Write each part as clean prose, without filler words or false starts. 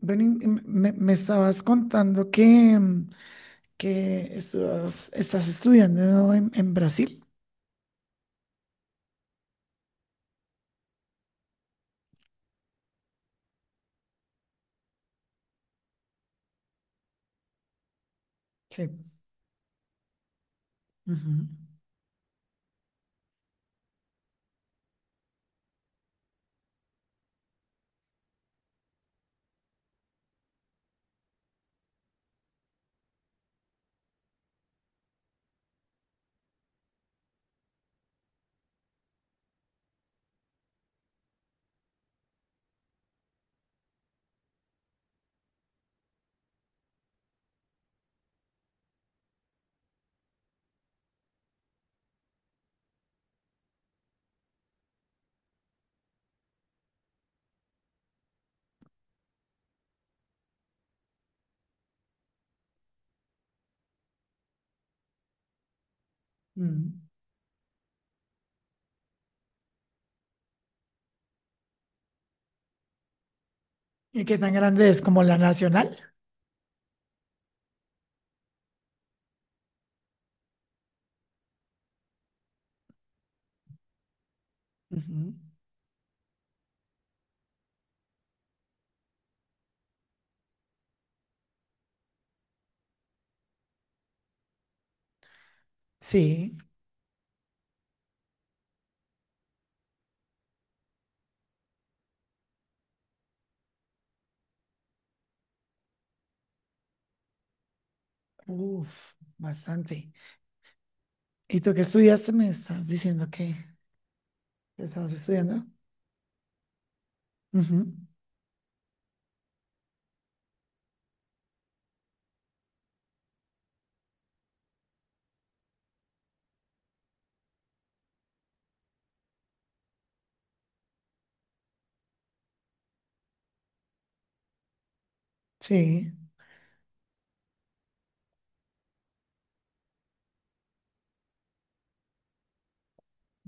Ven, y me estabas contando que estás estudiando en Brasil. Sí. Ujú. Mm. ¿Y qué tan grande es como la nacional? Ujú. Sí, uff, bastante. ¿Y tú qué estudiaste? Me estás diciendo que estabas estudiando. Ujú. Sí.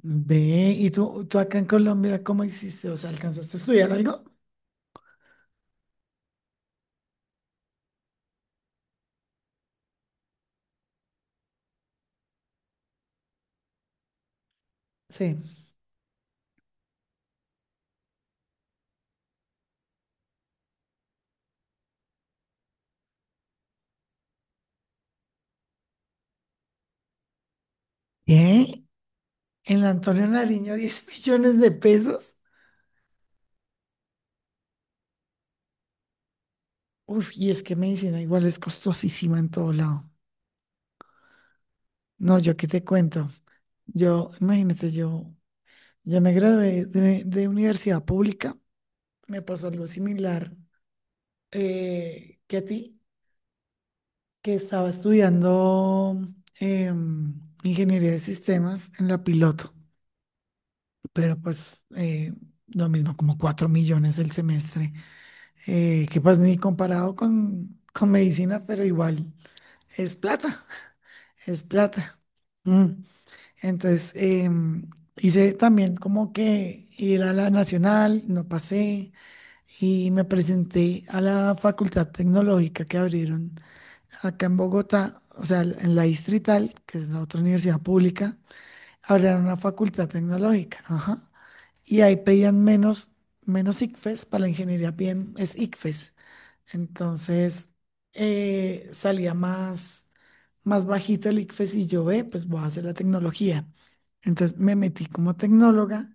Ve, ¿y tú acá en Colombia cómo hiciste? O sea, ¿alcanzaste a estudiar algo? Sí. ¿Qué? ¿En la Antonio Nariño 10 millones de pesos? Uf, y es que medicina igual es costosísima en todo lado. No, yo qué te cuento. Yo, imagínate, yo me gradué de universidad pública. Me pasó algo similar, que a ti, que estaba estudiando, em, ingeniería de sistemas en la Piloto, pero pues lo mismo, como 4 millones el semestre, que pues ni comparado con medicina, pero igual es plata, es plata. Mm. Entonces, hice también como que ir a la Nacional, no pasé, y me presenté a la facultad tecnológica que abrieron acá en Bogotá, o sea, en la Distrital, que es la otra universidad pública. Abrieron una facultad tecnológica, ajá, y ahí pedían menos, menos ICFES. Para la ingeniería bien es ICFES, entonces salía más, más bajito el ICFES y yo, ve, pues voy a hacer la tecnología. Entonces me metí como tecnóloga.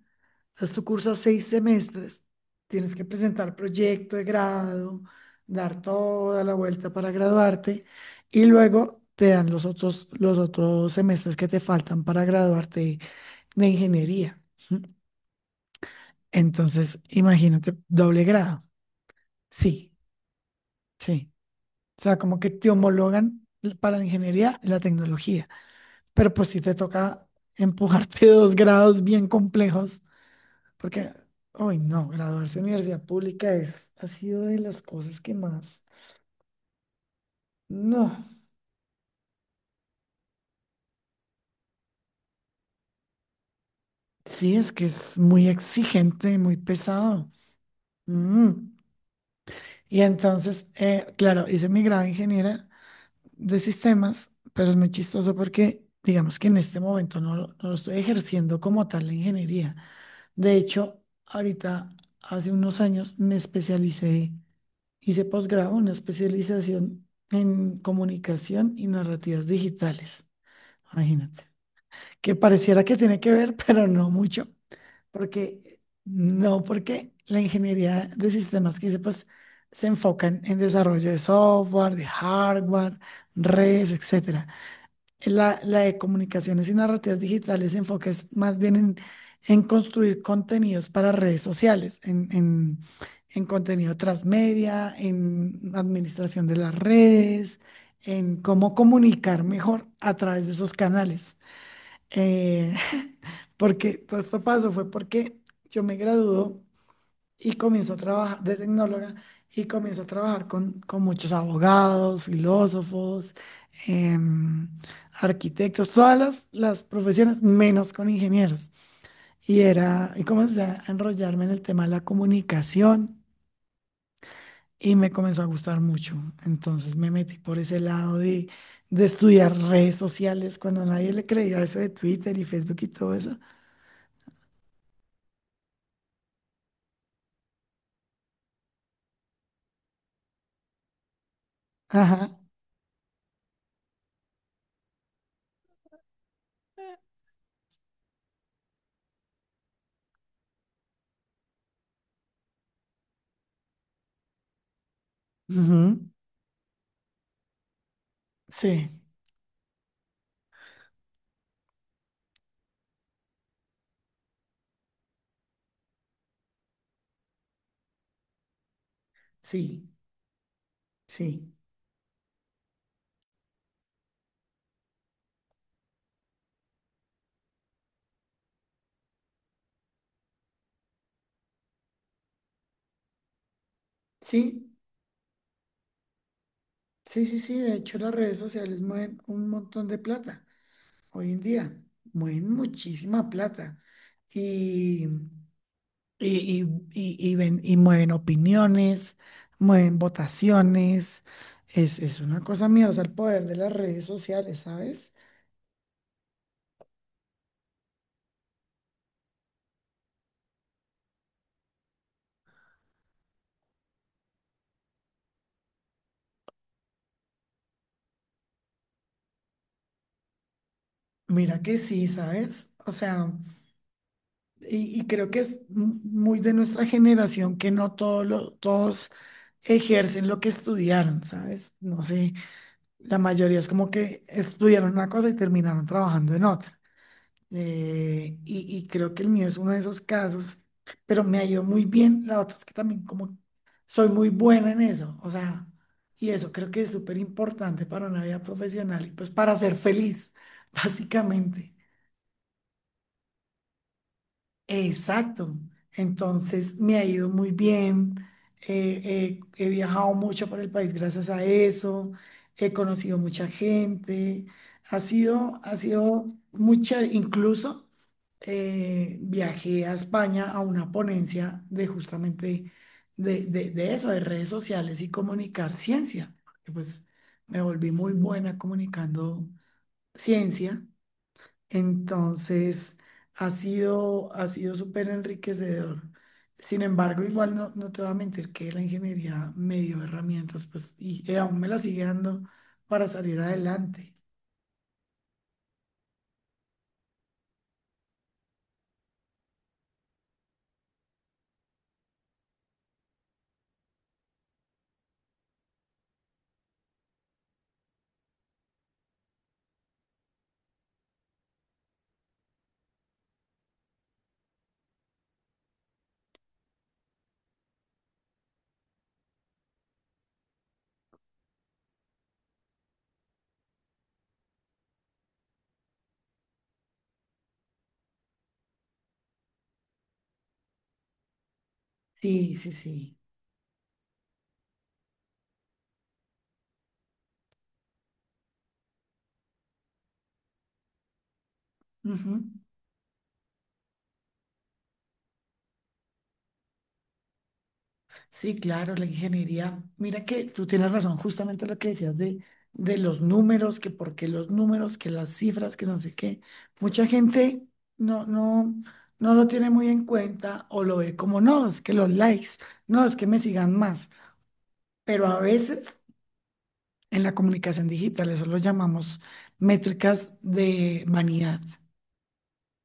Entonces tú cursas 6 semestres, tienes que presentar proyecto de grado, dar toda la vuelta para graduarte, y luego te dan los otros semestres que te faltan para graduarte de ingeniería, ¿sí? Entonces, imagínate, doble grado. Sí, sí. O sea, como que te homologan para la ingeniería y la tecnología. Pero pues sí te toca empujarte dos grados bien complejos, porque, hoy no, graduarse en universidad pública es, ha sido de las cosas que más. No, sí, es que es muy exigente, muy pesado. Mm. Y entonces, claro, hice mi grado de ingeniera de sistemas, pero es muy chistoso porque, digamos que en este momento no, no lo estoy ejerciendo como tal la ingeniería. De hecho, ahorita, hace unos años, me especialicé, hice posgrado, una especialización en comunicación y narrativas digitales. Imagínate. Que pareciera que tiene que ver, pero no mucho, porque no, porque la ingeniería de sistemas que hice, pues, se enfocan en desarrollo de software, de hardware, redes, etcétera. La de comunicaciones y narrativas digitales se enfoca es más bien en construir contenidos para redes sociales, en, en contenido transmedia, en administración de las redes, en cómo comunicar mejor a través de esos canales. Eh, Porque todo esto pasó fue porque yo me graduó y comienzo a trabajar de tecnóloga, y comienzo a trabajar con muchos abogados, filósofos, em, arquitectos, todas las profesiones, menos con ingenieros. Y comencé a enrollarme en el tema de la comunicación y me comenzó a gustar mucho. Entonces me metí por ese lado de estudiar redes sociales cuando nadie le creía eso de Twitter y Facebook y todo eso. Ajá. Ujú, sí, sí, sí, sí. Sí, sí, sí, de hecho las redes sociales mueven un montón de plata hoy en día, mueven muchísima plata y, y, y mueven opiniones, mueven votaciones, es una cosa miedosa el poder de las redes sociales, ¿sabes? Mira que sí, ¿sabes? O sea, y creo que es muy de nuestra generación, que no todo todos ejercen lo que estudiaron, ¿sabes? No sé. La mayoría es como que estudiaron una cosa y terminaron trabajando en otra. Y creo que el mío es uno de esos casos, pero me ha ido muy bien. La otra es que también como soy muy buena en eso, o sea, y eso creo que es súper importante para una vida profesional y pues para ser feliz, básicamente. Exacto. Entonces me ha ido muy bien. He viajado mucho por el país gracias a eso. He conocido mucha gente. Ha sido mucha, incluso viajé a España a una ponencia de justamente de eso, de redes sociales y comunicar ciencia, porque, pues, me volví muy buena comunicando ciencia. Entonces, ha sido súper enriquecedor. Sin embargo, igual no, no te voy a mentir que la ingeniería me dio herramientas, pues, y aún me las sigue dando para salir adelante. Sí, sí, sí. Sí, claro, la ingeniería. Mira que tú tienes razón, justamente lo que decías de los números, que por qué los números, que las cifras, que no sé qué. Mucha gente no, no lo tiene muy en cuenta o lo ve como, no, es que los likes, no, es que me sigan más. Pero a veces en la comunicación digital eso lo llamamos métricas de vanidad.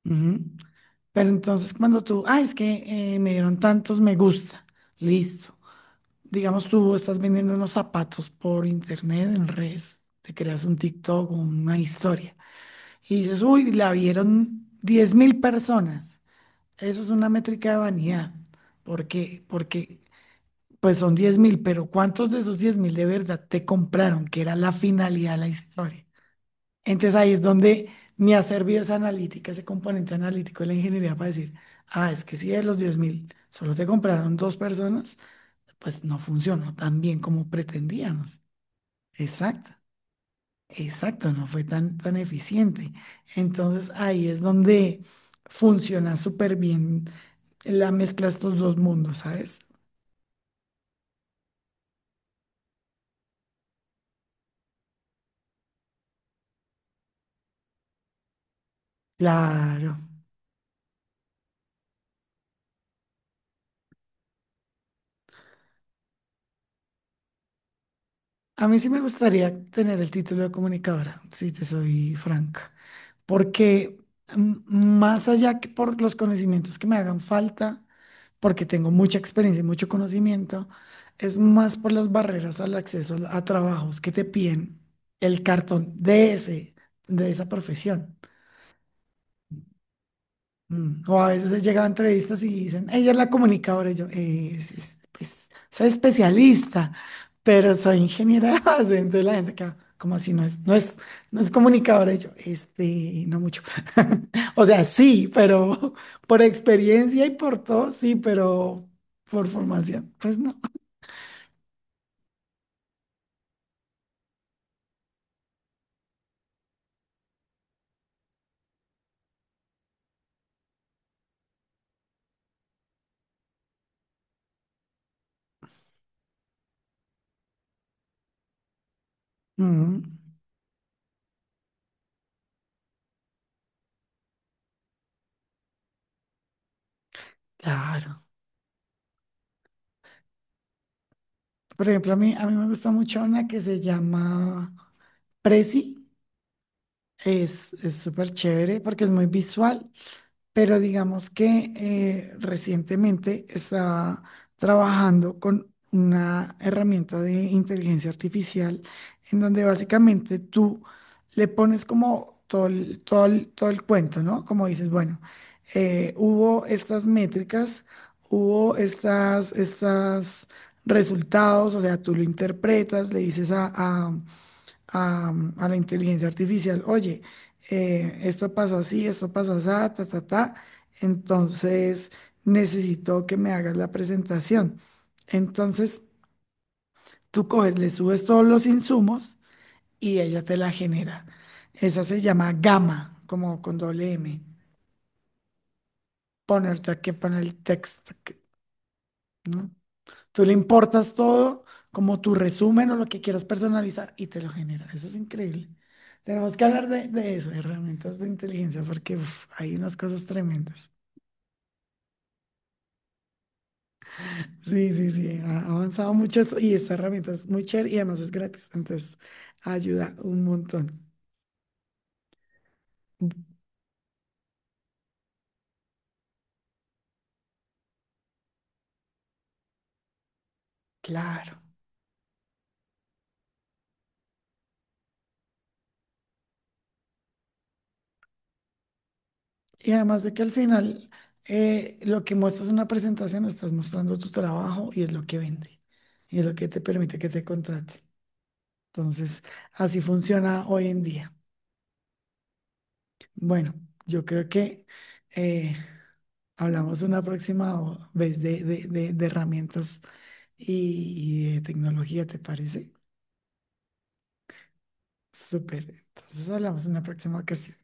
Ujú. Pero entonces cuando tú, ah, es que me dieron tantos me gusta, listo. Digamos, tú estás vendiendo unos zapatos por internet, en redes, te creas un TikTok o una historia, y dices, uy, la vieron 10.000 personas. Eso es una métrica de vanidad. ¿Por qué? Porque, pues son 10.000, pero ¿cuántos de esos 10.000 de verdad te compraron? Que era la finalidad de la historia. Entonces ahí es donde me ha servido esa analítica, ese componente analítico de la ingeniería para decir, ah, es que si de los 10.000 solo te compraron dos personas, pues no funcionó tan bien como pretendíamos. Exacto, exacto, no fue tan, tan eficiente. Entonces ahí es donde funciona súper bien la mezcla de estos dos mundos, ¿sabes? Claro. A mí sí me gustaría tener el título de comunicadora, si te soy franca, porque más allá que por los conocimientos que me hagan falta, porque tengo mucha experiencia y mucho conocimiento, es más por las barreras al acceso a trabajos que te piden el cartón de ese, de esa profesión. Mm, o a veces he llegado a entrevistas y dicen, ella es la comunicadora, y yo, Pues, soy especialista, pero soy ingeniera de base, entonces la gente acá, como así, no es, no es comunicadora, y yo, este, no mucho. O sea, sí, pero por experiencia y por todo, sí, pero por formación, pues no. Mm, claro. Por ejemplo, a mí me gusta mucho una que se llama Prezi. Es súper chévere porque es muy visual, pero digamos que recientemente estaba trabajando con una herramienta de inteligencia artificial en donde básicamente tú le pones como todo el cuento, ¿no? Como dices, bueno, hubo estas métricas, hubo estas resultados, o sea, tú lo interpretas, le dices a, a la inteligencia artificial, oye, esto pasó así, ta, ta, ta, entonces necesito que me hagas la presentación. Entonces tú coges, le subes todos los insumos y ella te la genera. Esa se llama Gama, como con doble M. Ponerte aquí poner el texto. Tú le importas todo, como tu resumen o lo que quieras personalizar, y te lo genera. Eso es increíble. Tenemos que hablar de eso, de herramientas de inteligencia, porque uf, hay unas cosas tremendas. Sí, sí, sí, ha avanzado mucho eso, y esta herramienta es muy chévere y además es gratis, entonces ayuda un montón. Claro. Y además de que al final lo que muestras en una presentación, estás mostrando tu trabajo y es lo que vende, y es lo que te permite que te contrate. Entonces, así funciona hoy en día. Bueno, yo creo que eh, hablamos una próxima vez de herramientas y de tecnología, ¿te parece? Súper. Entonces hablamos una próxima ocasión.